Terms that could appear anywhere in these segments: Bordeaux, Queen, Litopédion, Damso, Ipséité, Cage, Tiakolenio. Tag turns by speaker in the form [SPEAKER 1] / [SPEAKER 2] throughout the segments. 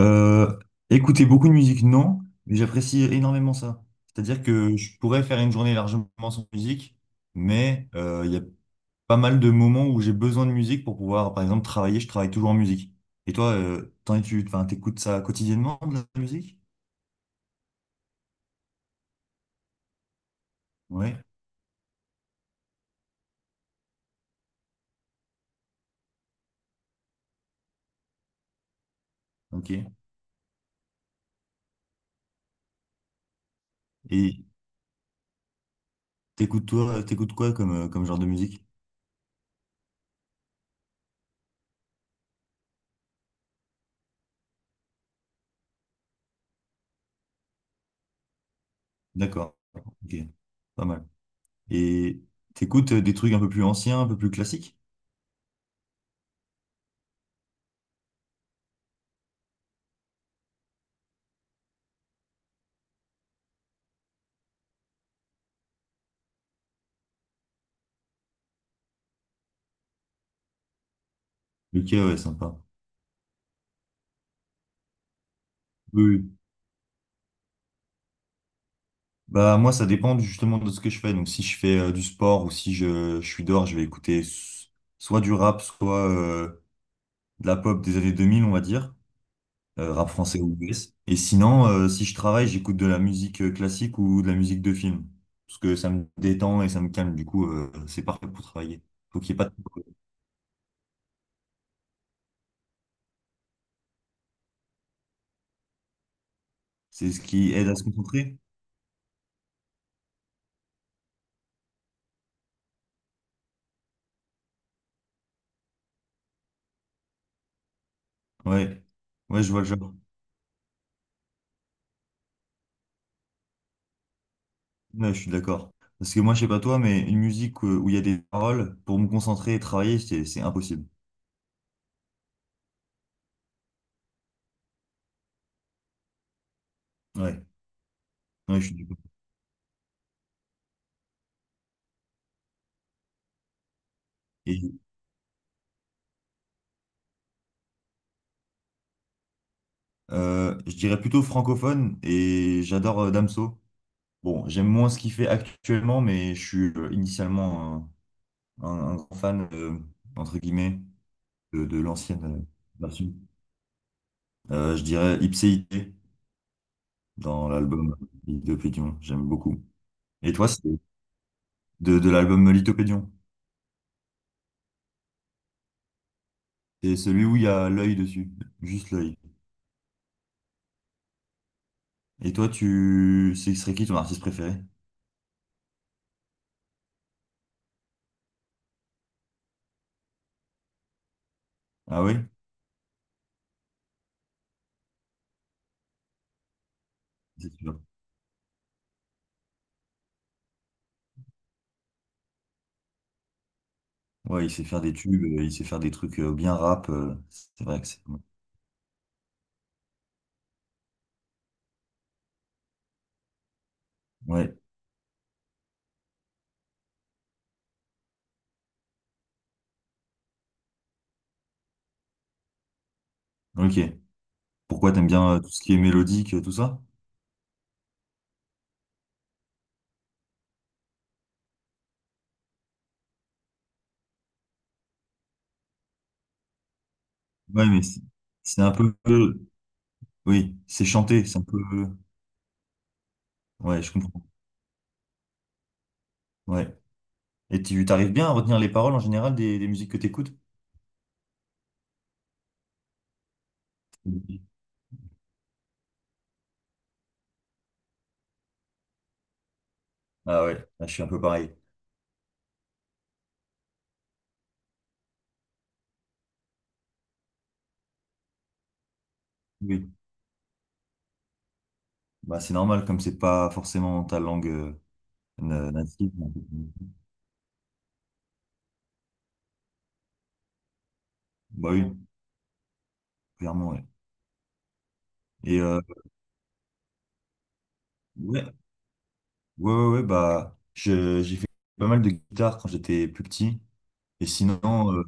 [SPEAKER 1] Euh, Écouter beaucoup de musique, non, mais j'apprécie énormément ça. C'est-à-dire que je pourrais faire une journée largement sans musique, mais il y a pas mal de moments où j'ai besoin de musique pour pouvoir, par exemple, travailler. Je travaille toujours en musique. Et toi, tu, enfin, t'écoutes ça quotidiennement de la musique? Ouais, ok. Et t'écoutes toi, t'écoutes quoi comme, comme genre de musique? D'accord, ok, pas mal. Et t'écoutes des trucs un peu plus anciens, un peu plus classiques? Ok, ouais, sympa. Oui, oui. Bah moi ça dépend justement de ce que je fais. Donc si je fais du sport ou si je, je suis dehors, je vais écouter soit du rap, soit de la pop des années 2000 on va dire, rap français ou US. Et sinon, si je travaille, j'écoute de la musique classique ou de la musique de film. Parce que ça me détend et ça me calme. Du coup, c'est parfait pour travailler. Faut qu'il y ait pas de C'est ce qui aide à se concentrer. Ouais. Ouais, je vois le genre. Ouais, je suis d'accord. Parce que moi, je sais pas toi, mais une musique où il y a des paroles, pour me concentrer et travailler, c'est impossible. Ouais. Ouais, je suis d'accord. Et, je dirais plutôt francophone et j'adore Damso. Bon, j'aime moins ce qu'il fait actuellement, mais je suis initialement un grand fan, entre guillemets, de l'ancienne version. Je dirais Ipséité dans l'album Litopédion. J'aime beaucoup. Et toi, c'est de l'album Litopédion. C'est celui où il y a l'œil dessus, juste l'œil. Et toi, tu, ce serait qui ton artiste préféré? Ah oui? Ouais, il sait faire des tubes, il sait faire des trucs bien rap. C'est vrai que c'est. Ouais, ok. Pourquoi t'aimes bien tout ce qui est mélodique, tout ça? Ouais, mais c'est un peu. Oui, c'est chanté, c'est un peu. Ouais, je comprends. Ouais. Et tu t'arrives bien à retenir les paroles en général des musiques que t'écoutes? Oui. Ah ouais, là, je suis un peu pareil. Oui. Bah, c'est normal, comme c'est pas forcément ta langue native. Bah oui, clairement, ouais. Et ouais, ouais, ouais, ouais, bah, j'ai fait pas mal de guitare quand j'étais plus petit. Et sinon, euh,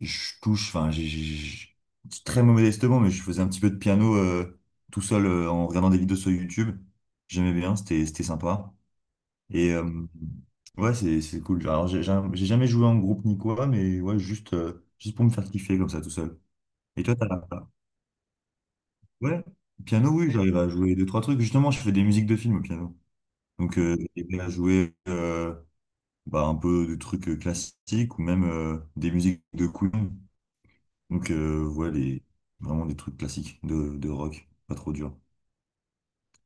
[SPEAKER 1] je touche, enfin, c'est très modestement, mais je faisais un petit peu de piano tout seul en regardant des vidéos sur YouTube. J'aimais bien, c'était sympa. Et ouais, c'est cool. Alors, j'ai jamais joué en groupe ni quoi, mais ouais, juste, juste pour me faire kiffer comme ça tout seul. Et toi, t'as. Ouais, piano, oui, j'arrive à jouer deux, trois trucs. Justement, je fais des musiques de films au piano. Donc, j'ai aidé à jouer. Bah, un peu de trucs classiques ou même des musiques de Queen. Donc, ouais, les, vraiment des trucs classiques de rock, pas trop dur.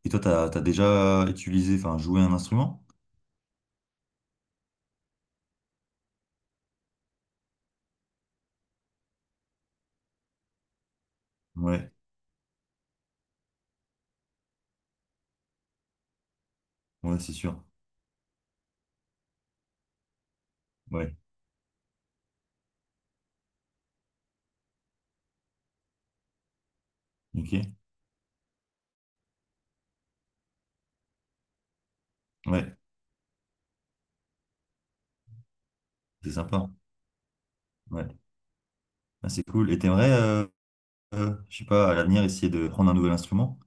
[SPEAKER 1] Et toi, t'as, t'as déjà utilisé, enfin, joué un instrument? Ouais, ouais, c'est sûr. Ouais, ok. Ouais, c'est sympa. Ouais, ah, c'est cool. Et t'aimerais, je sais pas, à l'avenir, essayer de prendre un nouvel instrument?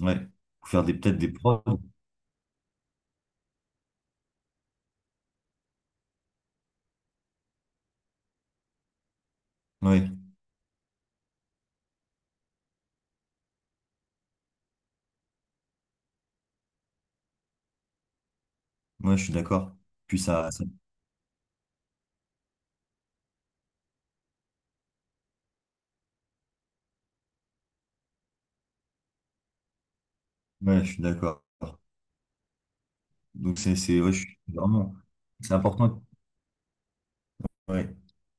[SPEAKER 1] Ouais, ou faire des, peut-être des prods. Ouais, ouais, je suis d'accord. Puis ça, ouais, je suis d'accord. Donc, ouais, je suis vraiment, c'est important. Ouais.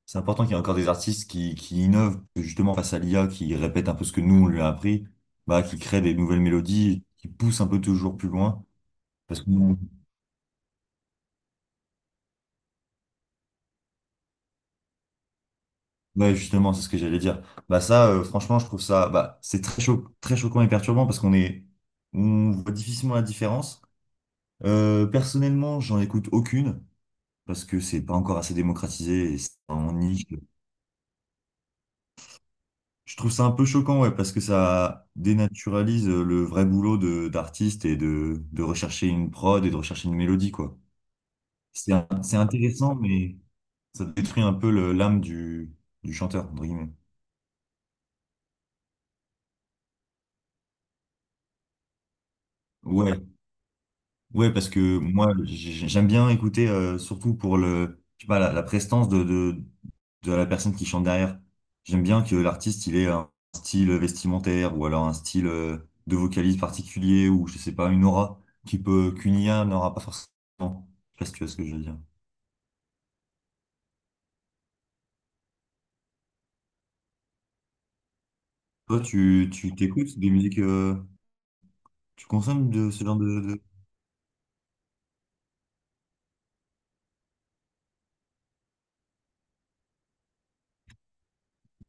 [SPEAKER 1] C'est important qu'il y ait encore des artistes qui innovent, que justement face à l'IA, qui répète un peu ce que nous on lui a appris, bah, qui créent des nouvelles mélodies, qui poussent un peu toujours plus loin. Parce que, ouais, justement, c'est ce que j'allais dire. Bah, ça, franchement, je trouve ça, bah, c'est très choquant et perturbant parce qu'on est, on voit difficilement la différence. Personnellement, j'en écoute aucune parce que c'est pas encore assez démocratisé et c'est en niche. Je trouve ça un peu choquant, ouais, parce que ça dénaturalise le vrai boulot de d'artiste et de rechercher une prod et de rechercher une mélodie, quoi. C'est intéressant, mais ça détruit un peu l'âme du chanteur, entre guillemets. Ouais, ouais, parce que moi, j'aime bien écouter, surtout pour le, je sais pas, la prestance de la personne qui chante derrière. J'aime bien que l'artiste, il ait un style vestimentaire ou alors un style de vocalise particulier ou, je sais pas, une aura qui peut, qu'une IA n'aura pas forcément. Je sais pas si tu vois ce que je veux dire. Toi, tu t'écoutes des musiques, tu consommes de ce genre de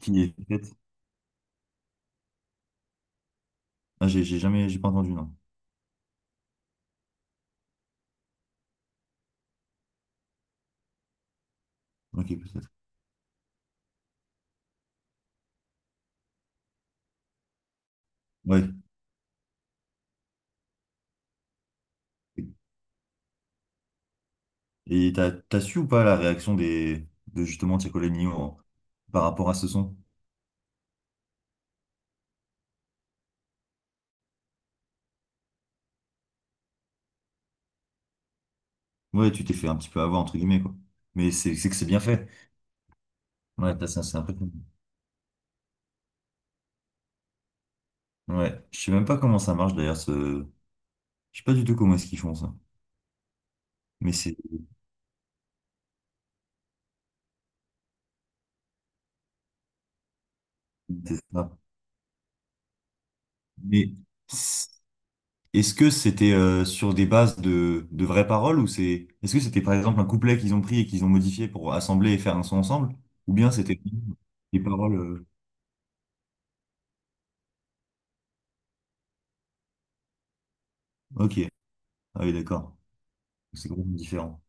[SPEAKER 1] qui est faite? Ah, j'ai jamais, j'ai pas entendu, non. Ok, peut-être. Ouais. Et t'as, t'as su ou pas la réaction des, de justement par rapport à ce son? Ouais, tu t'es fait un petit peu avoir, entre guillemets, quoi. Mais c'est que c'est bien fait. Ouais, c'est impressionnant. Ouais, je sais même pas comment ça marche d'ailleurs, ce je sais pas du tout comment est-ce qu'ils font ça. Mais c'est ça. Mais c- est-ce que c'était sur des bases de vraies paroles ou c'est... Est-ce que c'était par exemple un couplet qu'ils ont pris et qu'ils ont modifié pour assembler et faire un son ensemble? Ou bien c'était des paroles... Ok, ah oui, d'accord. C'est complètement différent.